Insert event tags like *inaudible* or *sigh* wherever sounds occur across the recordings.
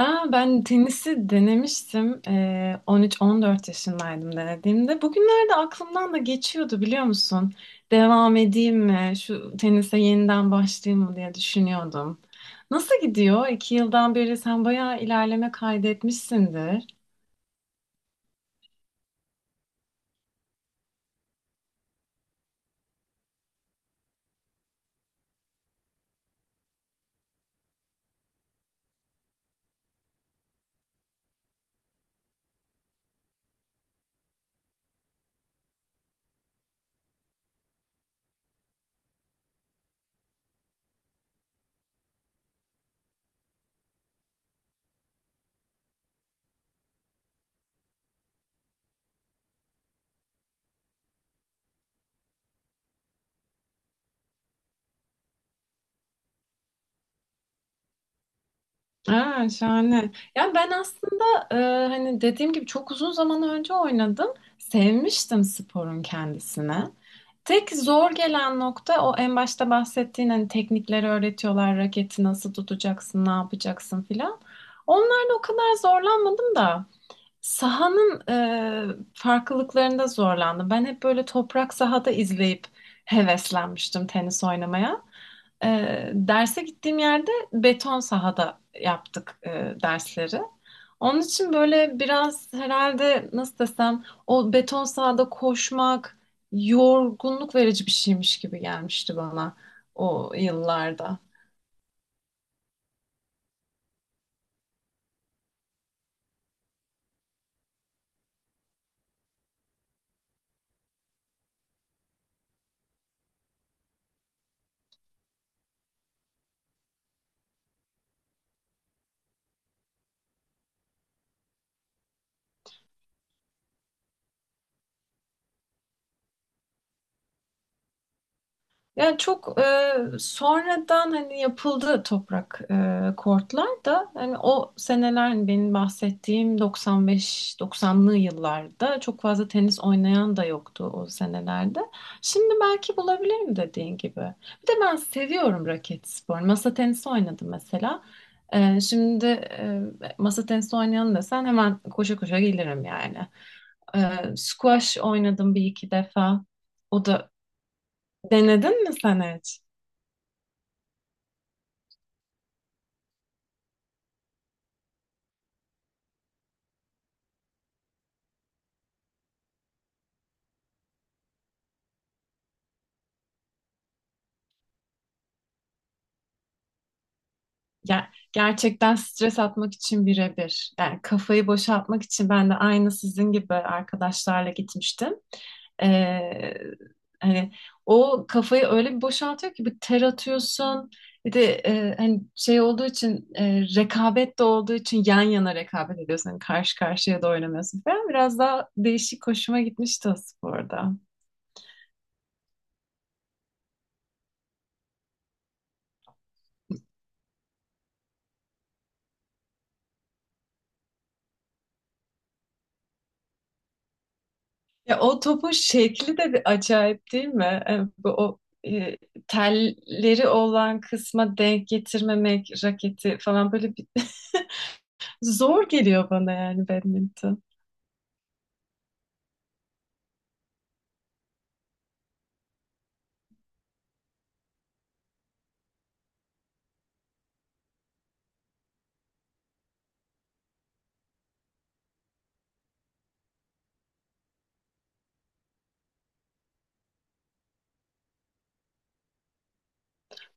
Aa, ben tenisi denemiştim. 13-14 yaşındaydım denediğimde. Bugünlerde aklımdan da geçiyordu biliyor musun? Devam edeyim mi? Şu tenise yeniden başlayayım mı diye düşünüyordum. Nasıl gidiyor? 2 yıldan beri sen bayağı ilerleme kaydetmişsindir. Ha, şahane. Ya ben aslında e, hani dediğim gibi çok uzun zaman önce oynadım. Sevmiştim sporun kendisini. Tek zor gelen nokta o en başta bahsettiğin hani teknikleri öğretiyorlar, raketi nasıl tutacaksın, ne yapacaksın filan. Onlarla o kadar zorlanmadım da sahanın farklılıklarında zorlandım. Ben hep böyle toprak sahada izleyip heveslenmiştim tenis oynamaya. Derse gittiğim yerde beton sahada yaptık dersleri. Onun için böyle biraz herhalde nasıl desem o beton sahada koşmak yorgunluk verici bir şeymiş gibi gelmişti bana o yıllarda. Yani çok sonradan hani yapıldı toprak kortlar da hani o seneler hani benim bahsettiğim 95-90'lı yıllarda çok fazla tenis oynayan da yoktu o senelerde. Şimdi belki bulabilirim dediğin gibi. Bir de ben seviyorum raket sporunu. Masa tenisi oynadım mesela. Şimdi masa tenisi oynayan desen hemen koşa koşa gelirim yani. E, squash oynadım bir iki defa. O da denedin mi sen hiç? Gerçekten stres atmak için birebir. Yani kafayı boşaltmak için ben de aynı sizin gibi arkadaşlarla gitmiştim. Ee, hani o kafayı öyle bir boşaltıyor ki bir ter atıyorsun. Bir de hani şey olduğu için rekabet de olduğu için yan yana rekabet ediyorsun. Hani karşı karşıya da oynamıyorsun falan. Biraz daha değişik hoşuma gitmişti o sporda. Ya o topun şekli de bir acayip değil mi? Bu o e, telleri olan kısma denk getirmemek, raketi falan böyle bir *laughs* zor geliyor bana yani badminton.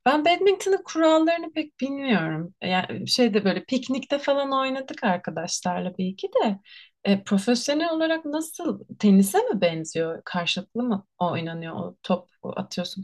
Ben badminton'ın kurallarını pek bilmiyorum. Yani şeyde böyle piknikte falan oynadık arkadaşlarla bir iki de. Profesyonel olarak nasıl tenise mi benziyor? Karşılıklı mı oynanıyor o top atıyorsun?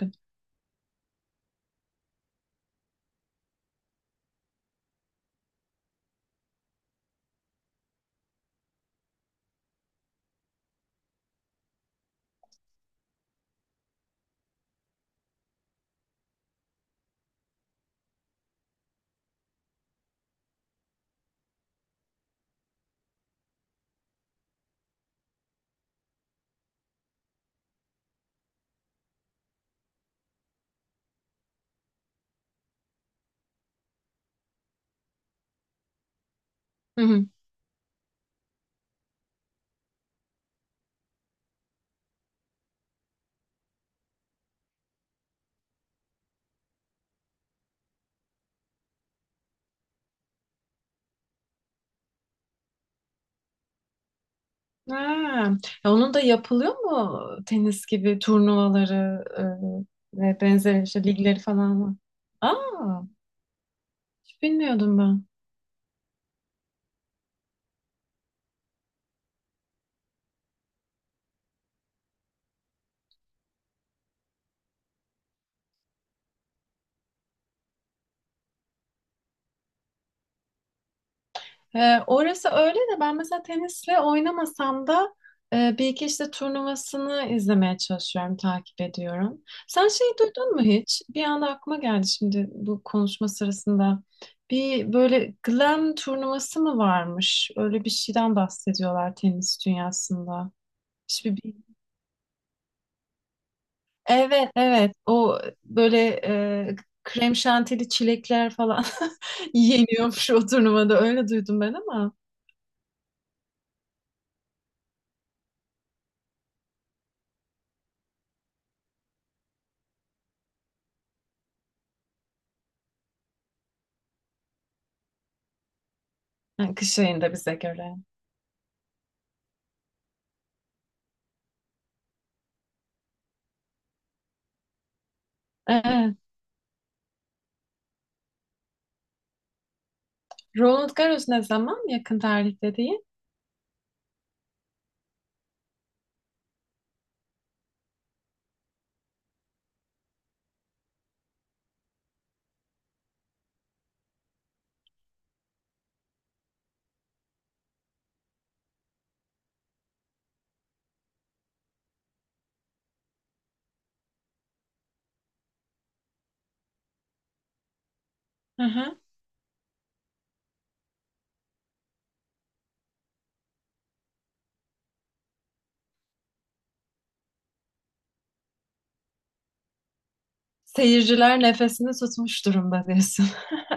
Hı hı. Ha, ya onun da yapılıyor mu tenis gibi turnuvaları ve benzeri işte ligleri falan mı? Aa, hiç bilmiyordum ben. Orası öyle de ben mesela tenisle oynamasam da bir iki işte turnuvasını izlemeye çalışıyorum, takip ediyorum. Sen şeyi duydun mu hiç? Bir anda aklıma geldi şimdi bu konuşma sırasında. Bir böyle Glam turnuvası mı varmış? Öyle bir şeyden bahsediyorlar tenis dünyasında. Hiçbir Evet, evet. O böyle e, krem şantili çilekler falan *laughs* yeniyormuş o turnuvada, öyle duydum ben ama ha, kış ayında bize göre. Evet. Roland Garros ne zaman? Yakın tarihte değil. Hı hı. Seyirciler nefesini tutmuş durumda diyorsun. *laughs*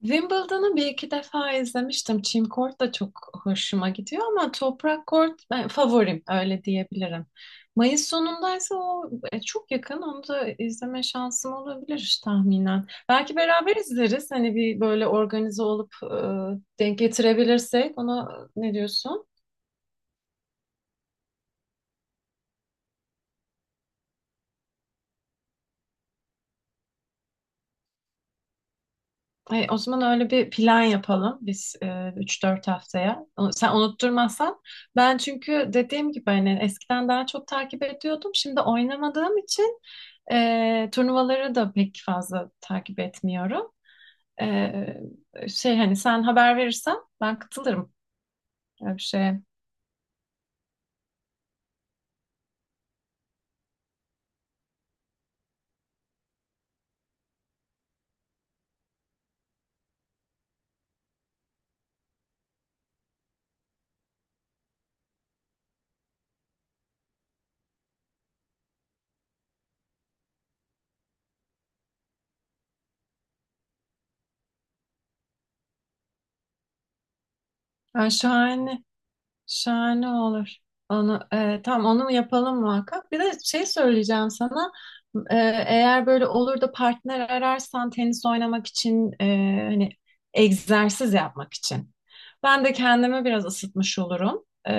Wimbledon'u bir iki defa izlemiştim. Çim kort da çok hoşuma gidiyor ama toprak kort ben favorim öyle diyebilirim. Mayıs sonundaysa o çok yakın. Onu da izleme şansım olabilir tahminen. Belki beraber izleriz. Hani bir böyle organize olup denk getirebilirsek. Ona ne diyorsun? O zaman öyle bir plan yapalım biz 3-4 haftaya. Sen unutturmazsan. Ben çünkü dediğim gibi hani eskiden daha çok takip ediyordum. Şimdi oynamadığım için turnuvaları da pek fazla takip etmiyorum. E, şey hani sen haber verirsen ben katılırım öyle bir şeye. Yani şahane. Şahane olur. Onu tam onu yapalım muhakkak. Bir de şey söyleyeceğim sana. E, eğer böyle olur da partner ararsan tenis oynamak için, hani egzersiz yapmak için. Ben de kendimi biraz ısıtmış olurum. E,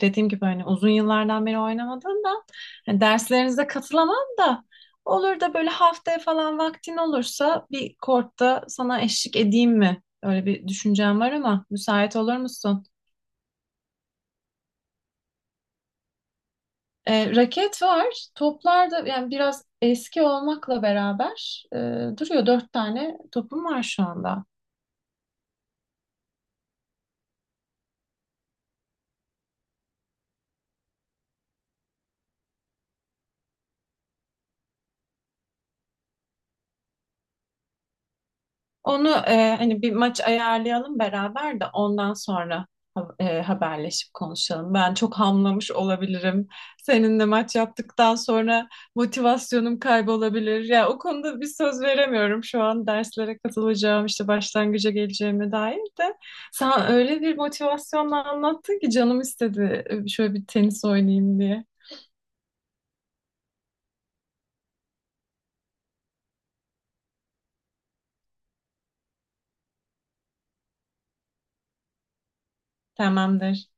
dediğim gibi hani uzun yıllardan beri oynamadığımdan hani derslerinize katılamam da olur da böyle haftaya falan vaktin olursa bir kortta sana eşlik edeyim mi? Öyle bir düşüncem var ama müsait olur musun? Raket var. Toplar da yani biraz eski olmakla beraber duruyor. 4 tane topum var şu anda. Onu hani bir maç ayarlayalım beraber de ondan sonra haberleşip konuşalım. Ben çok hamlamış olabilirim. Seninle maç yaptıktan sonra motivasyonum kaybolabilir. Ya o konuda bir söz veremiyorum şu an derslere katılacağım işte başlangıca geleceğime dair de. Sen öyle bir motivasyonla anlattın ki canım istedi, şöyle bir tenis oynayayım diye. Tamamdır.